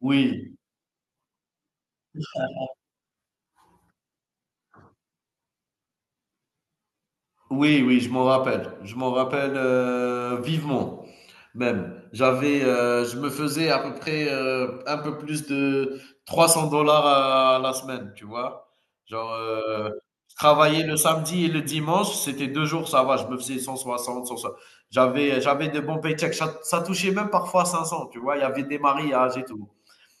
Oui, oui, oui, je m'en rappelle. Je m'en rappelle vivement, même. Je me faisais à peu près un peu plus de 300 dollars à la semaine, tu vois. Genre, je travaillais le samedi et le dimanche, c'était deux jours, ça va, je me faisais cent soixante, cent soixante. J'avais de bons paychecks. Ça touchait même parfois 500, tu vois. Il y avait des mariages et tout.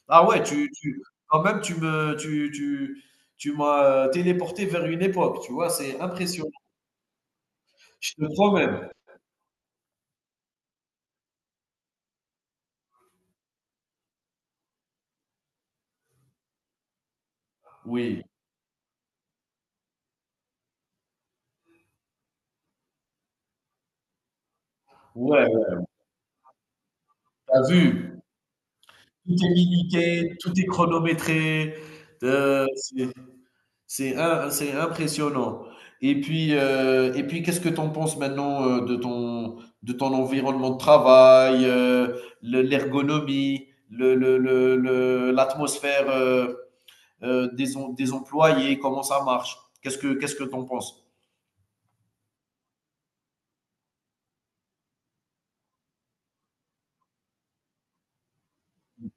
Ah ouais, quand même, tu me, tu m'as téléporté vers une époque, tu vois. C'est impressionnant. Je te promets. Oui, ouais, t'as vu, tout est miniqué, tout est chronométré, heu, c'est c'est impressionnant. Et puis, qu'est-ce que tu en penses maintenant, de ton environnement de travail, le l'ergonomie, le l'atmosphère, des employés, comment ça marche? Qu'est-ce que tu en penses?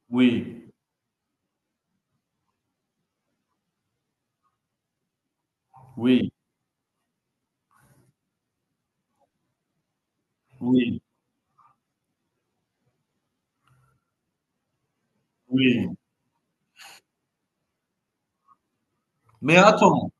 Oui, oui, oui, oui, mais attends.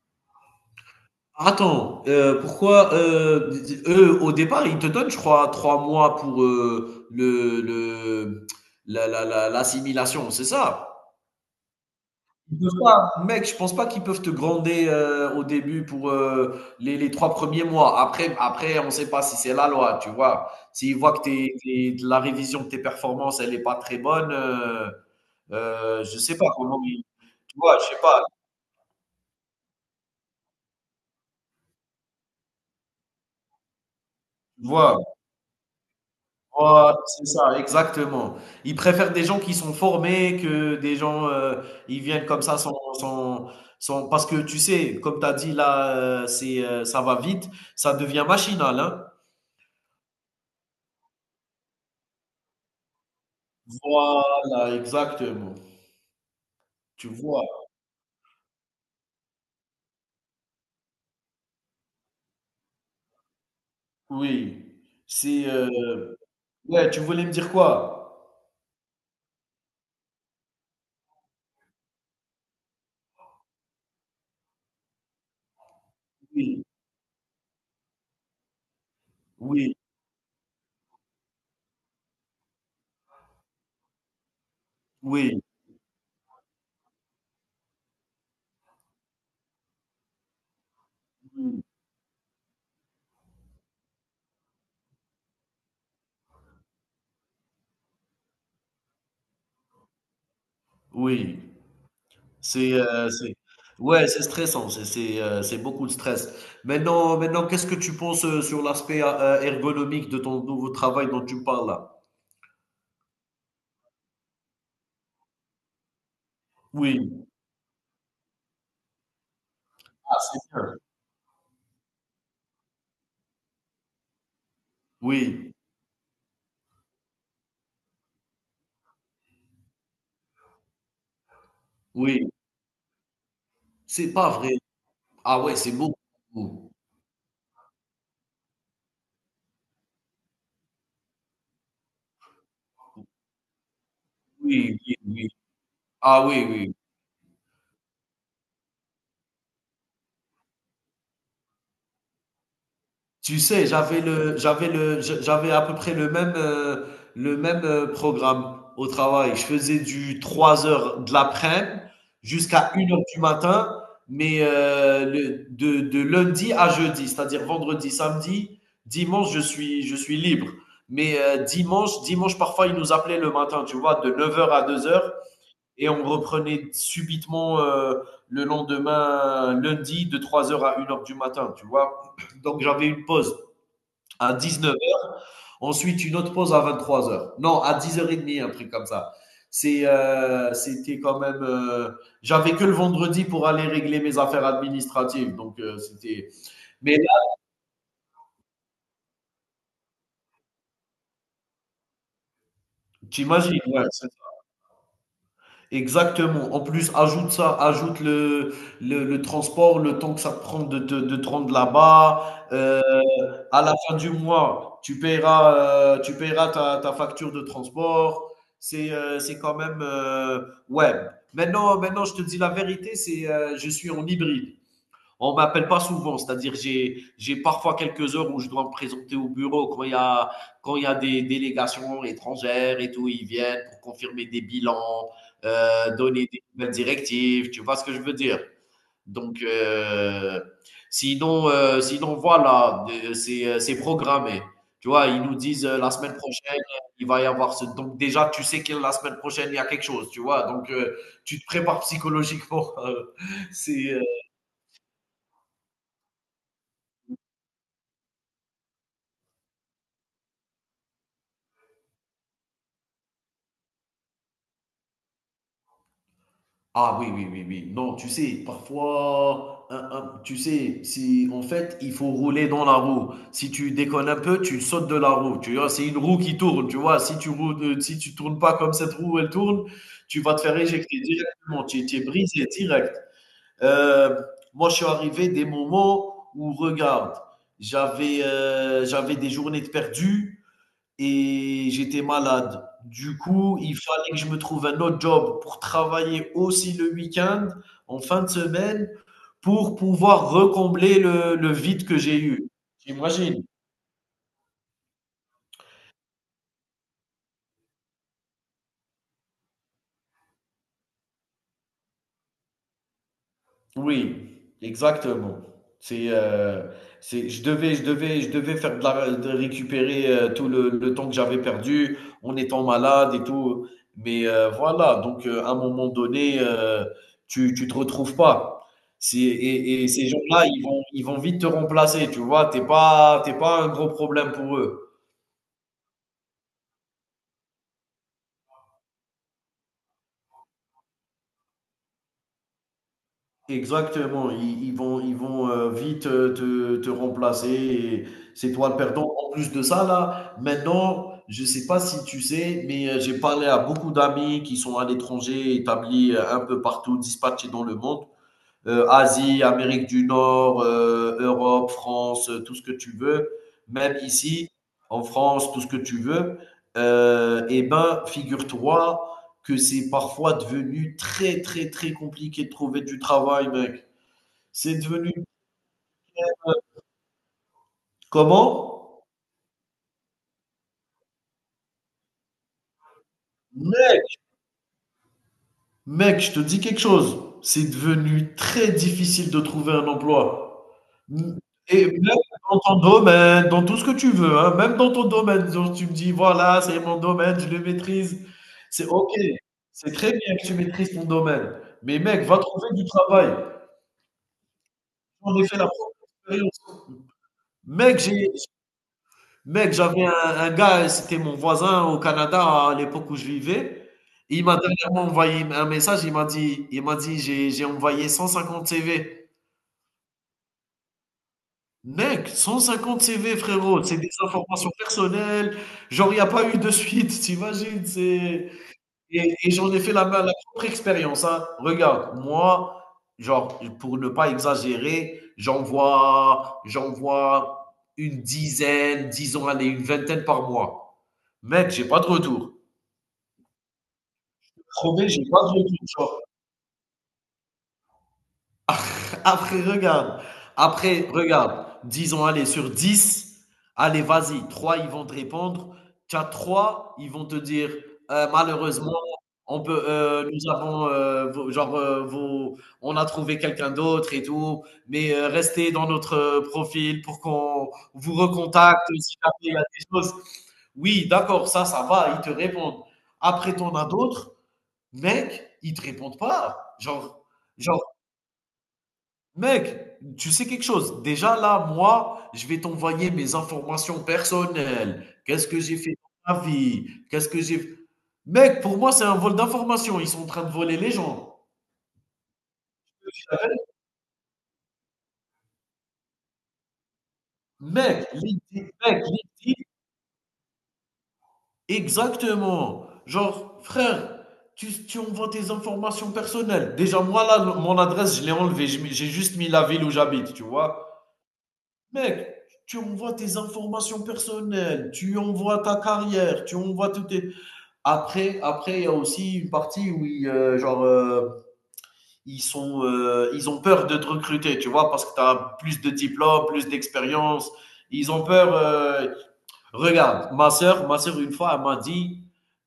Attends, pourquoi, d eux, au départ, ils te donnent, je crois, 3 mois pour le la la la l'assimilation, c'est ça? Ils peuvent pas, mec, je pense pas qu'ils peuvent te gronder au début pour les 3 premiers mois. Après, on sait pas si c'est la loi, tu vois? S'ils voient que tes tes la révision de tes performances, elle est pas très bonne, je sais pas comment ils. Tu vois? Je sais pas, tu vois? Voi c'est ça, exactement. Ils préfèrent des gens qui sont formés que des gens, ils viennent comme ça sans sans, parce que tu sais, comme tu as dit là, ça va vite, ça devient machinal, hein. Voilà, exactement. Tu vois? Oui, c'est, heu ouais, tu voulais me dire quoi? Oui, oui, oui, oui, oui. C'est ouais, c'est stressant, c'est beaucoup de stress. Maintenant, qu'est-ce que tu penses, sur l'aspect a ergonomique de ton nouveau travail dont tu me parles là? Oui, ah, c'est bien. Oui, oui, c'est pas vrai. Ah ouais, c'est beaucoup. Oui, oui, oui. Ah oui, oui. Tu sais, j'avais à peu près le même, programme au travail. Je faisais du 3 heures de l'après-midi jusqu'à une heure du matin, mais de lundi à jeudi, c'est-à-dire vendredi, samedi, dimanche, je suis libre. Mais dimanche, parfois, ils nous appelaient le matin, tu vois, de neuf heures à deux heures, et on reprenait subitement le lendemain, lundi, de trois heures à une heure du matin, tu vois. Donc, j'avais une pause à 19 heures. Ensuite, une autre pause à 23 heures. Non, à 10h30, un truc comme ça. C'était quand même, j'avais que le vendredi pour aller régler mes affaires administratives. Donc, c'était. Mais là, t'imagines, ouais, c'est. Exactement. En plus, ajoute ça, ajoute le transport, le temps que ça te prend de te rendre là-bas. À la fin du mois, tu paieras ta facture de transport. C'est quand même, ouais. Maintenant, je te dis la vérité, c'est je suis en hybride. On ne m'appelle pas souvent, c'est-à-dire j'ai parfois quelques heures où je dois me présenter au bureau quand il y a des délégations étrangères et tout, ils viennent pour confirmer des bilans, donner des nouvelles directives, tu vois ce que je veux dire? Donc euh, sinon voilà, c'est programmé. Tu vois, ils nous disent la semaine prochaine, il va y avoir ce. Donc, déjà tu sais que la semaine prochaine il y a quelque chose, tu vois. Tu te prépares psychologiquement. c'est Ah oui, oui, oui, oui. Non, tu sais, parfois, tu sais, si en fait, il faut rouler dans la roue. Si tu déconnes un peu, tu sautes de la roue. Tu vois, c'est une roue qui tourne. Tu vois, si tu tournes pas comme cette roue, elle tourne, tu vas te faire éjecter directement. Tu es brisé direct. Euh, Moi, je suis arrivé des moments où, regarde, j'avais des journées de perdu. Et j'étais malade. Du coup, il fallait que je me trouve un autre job pour travailler aussi le week-end, en fin de semaine, pour pouvoir recombler le vide que j'ai eu. Tu Oui, exactement. C'est, heu, c'est je devais je devais Je devais faire de récupérer tout le temps que j'avais perdu en étant malade et tout. Mais, voilà, donc, à un moment donné, tu te retrouves pas. C'est et ces gens-là, ils vont vite te remplacer, tu vois? T'es pas un gros problème pour eux. Exactement, ils vont vite te remplacer, et c'est toi le perdant. En plus de ça, là, maintenant, je sais pas si tu sais, mais j'ai parlé à beaucoup d'amis qui sont à l'étranger, établis un peu partout, dispatchés dans le monde, Asie, Amérique du Nord, Europe, France, tout ce que tu veux, même ici, en France, tout ce que tu veux, eh ben, figure-toi que c'est parfois devenu très, très, très compliqué de trouver du travail, mec. C'est devenu comment? Mec, je te dis quelque chose, c'est devenu très difficile de trouver un emploi. N- Et même dans ton domaine, dans tout ce que tu veux, hein, même dans ton domaine, genre, tu me dis, voilà, c'est mon domaine, je le maîtrise. C'est OK, c'est très bien que tu maîtrises ton domaine. Mais, mec, va trouver du travail. J'en ai fait la propre expérience. Mec, j'ai Mec, un gars, c'était mon voisin au Canada à l'époque où je vivais. Et il m'a dernièrement envoyé un message, il m'a dit, j'ai envoyé 150 CV. Mec, 150 CV, frérot, c'est des informations personnelles. Genre, il n'y a pas eu de suite, t'imagines? Et j'en ai fait la propre expérience, hein. Regarde, moi, genre, pour ne pas exagérer, j'en vois une dizaine, disons, allez, une vingtaine par mois. Mec, j'ai pas de retour. Promis, j'ai pas de retour, genre. Après, regarde. Après, regarde. Disons, allez, sur 10, allez, vas-y. Trois, ils vont te répondre. Tu as 3, ils vont te dire, malheureusement, nous avons, on a trouvé quelqu'un d'autre et tout, mais restez dans notre profil pour qu'on vous recontacte si jamais il y a des choses. Oui, d'accord, ça va, ils te répondent. Après, t'en as d'autres, mec, ils te répondent pas. Genre, mec, tu sais quelque chose? Déjà là, moi, je vais t'envoyer mes informations personnelles. Qu'est-ce que j'ai fait dans ma vie? Qu'est-ce que j'ai Mec, pour moi, c'est un vol d'informations. Ils sont en train de voler les gens. Mec, LinkedIn, exactement. Genre, frère, tu envoies tes informations personnelles. Déjà, moi, là, mon adresse, je l'ai enlevée. J'ai juste mis la ville où j'habite, tu vois. Mec, tu envoies tes informations personnelles, tu envoies ta carrière, tu envoies tout tes... Après, il y a aussi une partie où ils, genre, ils, sont, ils ont peur de te recruter, tu vois, parce que tu as plus de diplômes, plus d'expérience. Ils ont peur. Regarde, ma sœur, une fois, elle m'a dit,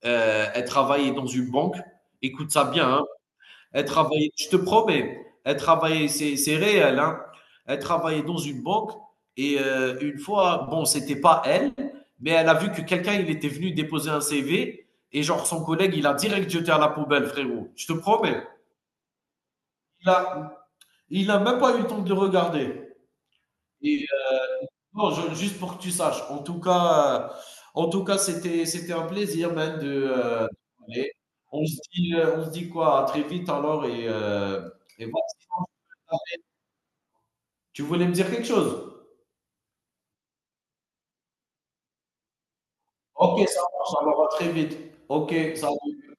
elle travaillait dans une banque. Écoute ça bien, hein, elle travaillait, je te promets, elle travaillait, c'est réel, hein. Elle travaillait dans une banque et une fois, bon, c'était pas elle, mais elle a vu que quelqu'un, il était venu déposer un CV et genre son collègue, il a direct jeté à la poubelle, frérot. Je te promets. Il a, il a même pas eu le temps de le regarder. Et non, juste pour que tu saches. En tout cas, c'était un plaisir, man, parler. On se dit quoi? À très vite alors et voilà. Tu voulais me dire quelque chose? OK, ça marche, ça va très vite. OK, salut.